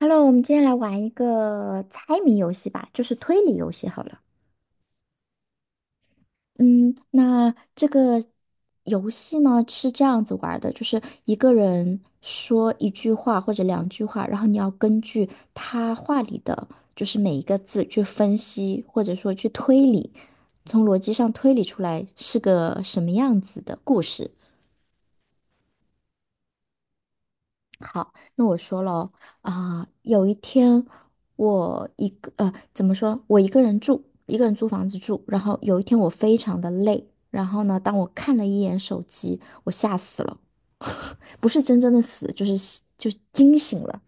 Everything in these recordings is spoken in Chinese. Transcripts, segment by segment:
Hello，我们今天来玩一个猜谜游戏吧，就是推理游戏好了。嗯，那这个游戏呢是这样子玩儿的，就是一个人说一句话或者两句话，然后你要根据他话里的就是每一个字去分析，或者说去推理，从逻辑上推理出来是个什么样子的故事。那我说了啊、有一天我一个怎么说？我一个人住，一个人租房子住。然后有一天我非常的累，然后呢，当我看了一眼手机，我吓死了，不是真正的死，就是吓就惊醒了，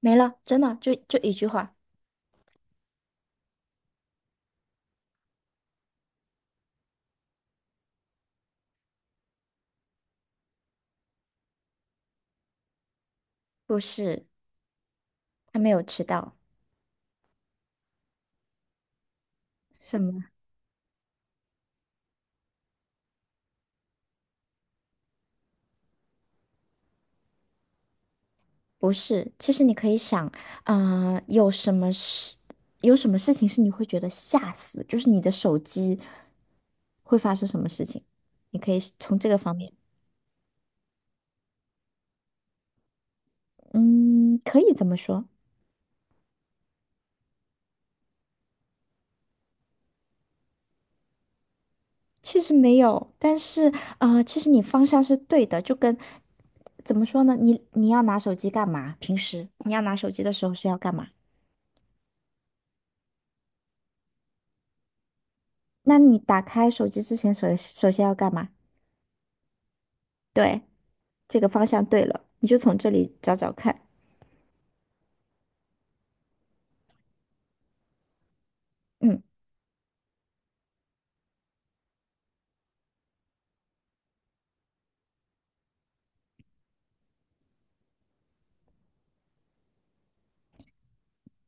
没了，真的就一句话，不是他没有迟到。什么？不是，其实你可以想，有什么事，有什么事情是你会觉得吓死，就是你的手机会发生什么事情，你可以从这个方面，嗯，可以这么说。其实没有，但是其实你方向是对的，就跟怎么说呢？你要拿手机干嘛？平时你要拿手机的时候是要干嘛？那你打开手机之前首先要干嘛？对，这个方向对了，你就从这里找找看。嗯。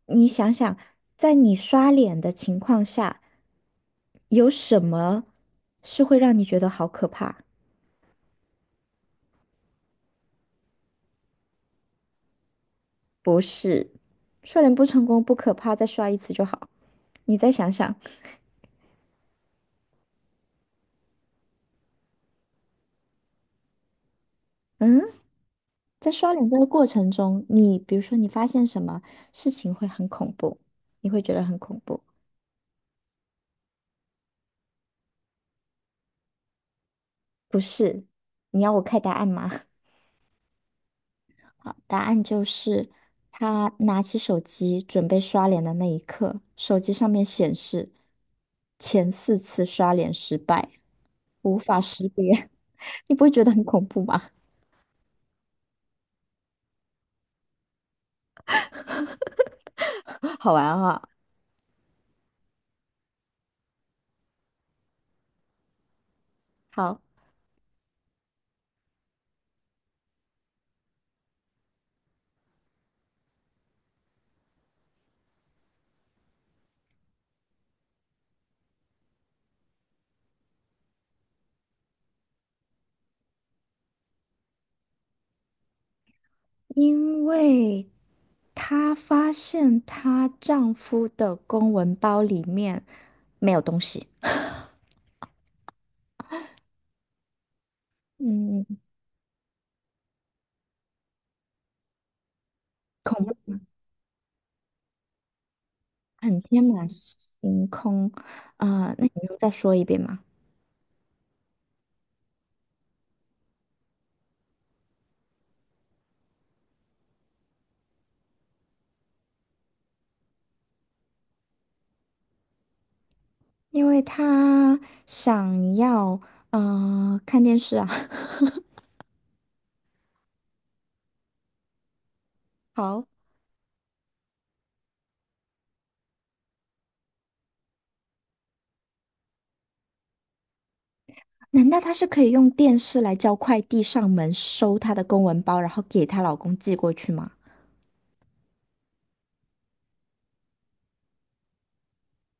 你想想，在你刷脸的情况下，有什么是会让你觉得好可怕？不是，刷脸不成功不可怕，再刷一次就好。你再想想，嗯，在刷脸这个过程中，你比如说你发现什么事情会很恐怖，你会觉得很恐怖，不是？你要我开答案吗？好，答案就是她拿起手机准备刷脸的那一刻，手机上面显示前四次刷脸失败，无法识别。你不会觉得很恐怖吗？好玩啊！好，因为她发现她丈夫的公文包里面没有东西，嗯，恐怖，很天马行空啊，那你能再说一遍吗？因为他想要看电视啊。好，难道她是可以用电视来叫快递上门收她的公文包，然后给她老公寄过去吗？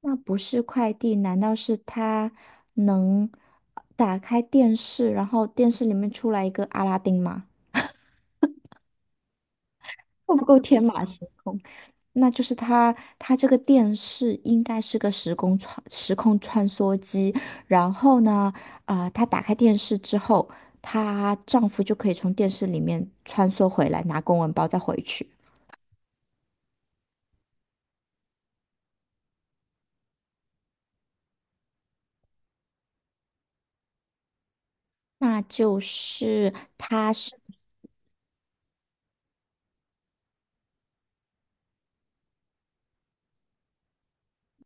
那不是快递，难道是她能打开电视，然后电视里面出来一个阿拉丁吗？够不够天马行空？那就是她，她这个电视应该是个时空穿梭机。然后呢，啊、她打开电视之后，她丈夫就可以从电视里面穿梭回来，拿公文包再回去。那就是她是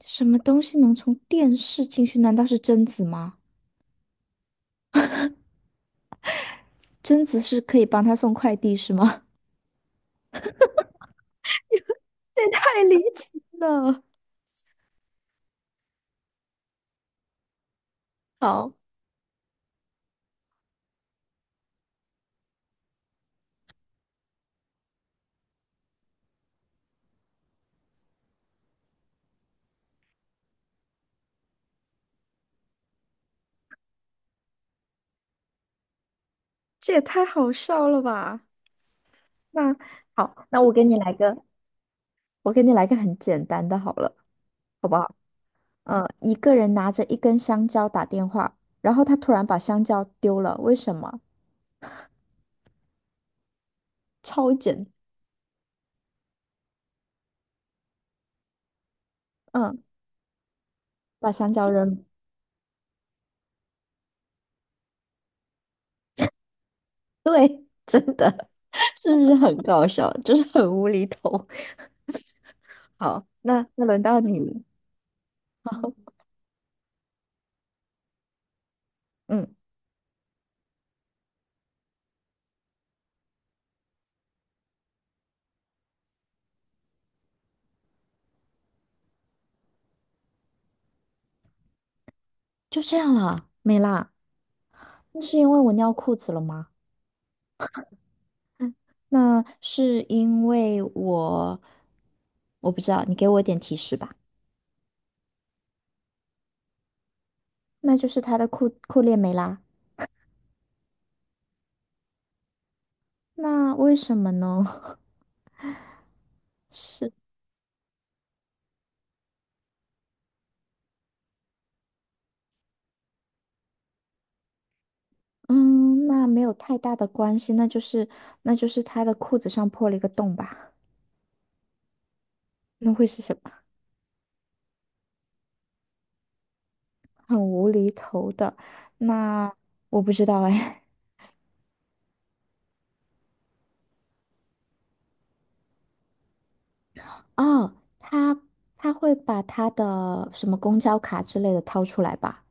什么东西能从电视进去？难道是贞子吗？贞子是可以帮她送快递是吗？这也太离奇了！好，这也太好笑了吧？那好，那我给你来个。我给你来个很简单的好了，好不好？嗯，一个人拿着一根香蕉打电话，然后他突然把香蕉丢了，为什么？超简，嗯，把香蕉扔。对，真的，是不是很搞笑？就是很无厘头。好，那那轮到你了。嗯，就这样啦，没啦。那是因为我尿裤子了吗？那是因为我，我不知道，你给我一点提示吧。那就是他的裤链没拉。那为什么呢？是，嗯，那没有太大的关系，那就是那就是他的裤子上破了一个洞吧？那会是什么？很无厘头的。那我不知道哎。哦，他他会把他的什么公交卡之类的掏出来吧？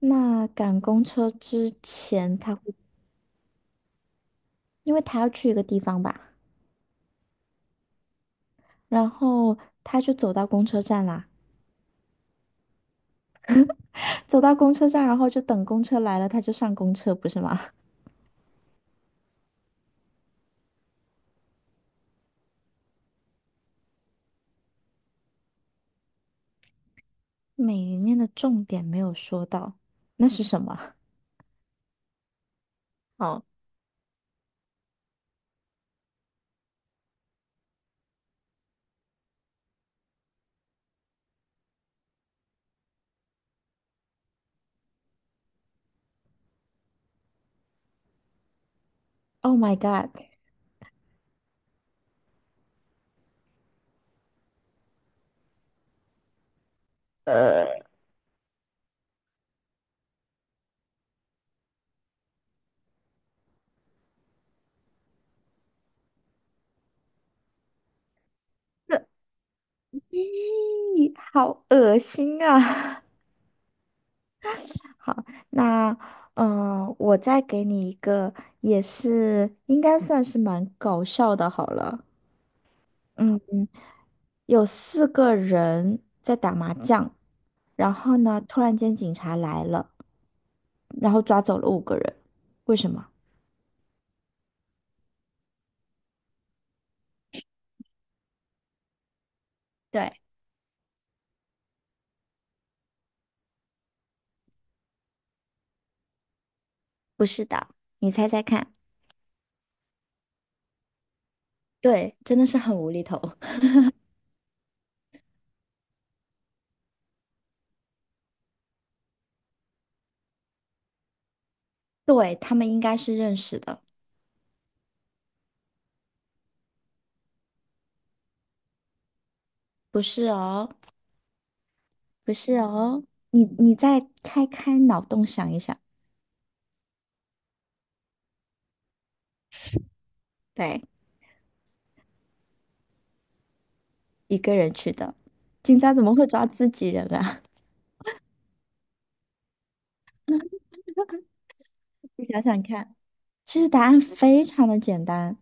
那赶公车之前，他会，因为他要去一个地方吧，然后他就走到公车站啦，走到公车站，然后就等公车来了，他就上公车，不是吗？每一面的重点没有说到，那是什么？哦，Oh my God！这咦，好恶心啊！好，那我再给你一个，也是应该算是蛮搞笑的，好了。嗯，有四个人在打麻将，然后呢，突然间警察来了，然后抓走了五个人，为什么？对，不是的，你猜猜看。对，真的是很无厘头。对，他们应该是认识的，不是哦，不是哦，你再开开脑洞想一想，对，一个人去的，警察怎么会抓自己人啊？你想想看，其实答案非常的简单，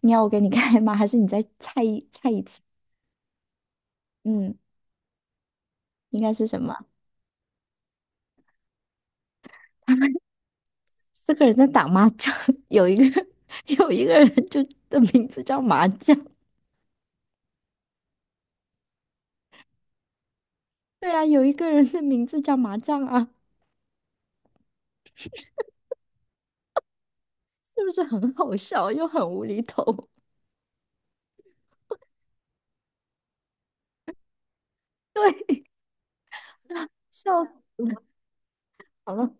你要我给你开吗？还是你再猜一次？嗯，应该是什么？四个人在打麻将，有一个人 有一个人就的名字叫麻将，对啊，有一个人的名字叫麻将啊，是不是很好笑又很无厘头？对。笑死了！好了，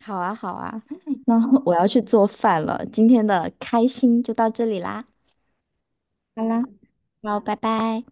好啊，好啊 那我要去做饭了。今天的开心就到这里啦，好啦，好，拜拜。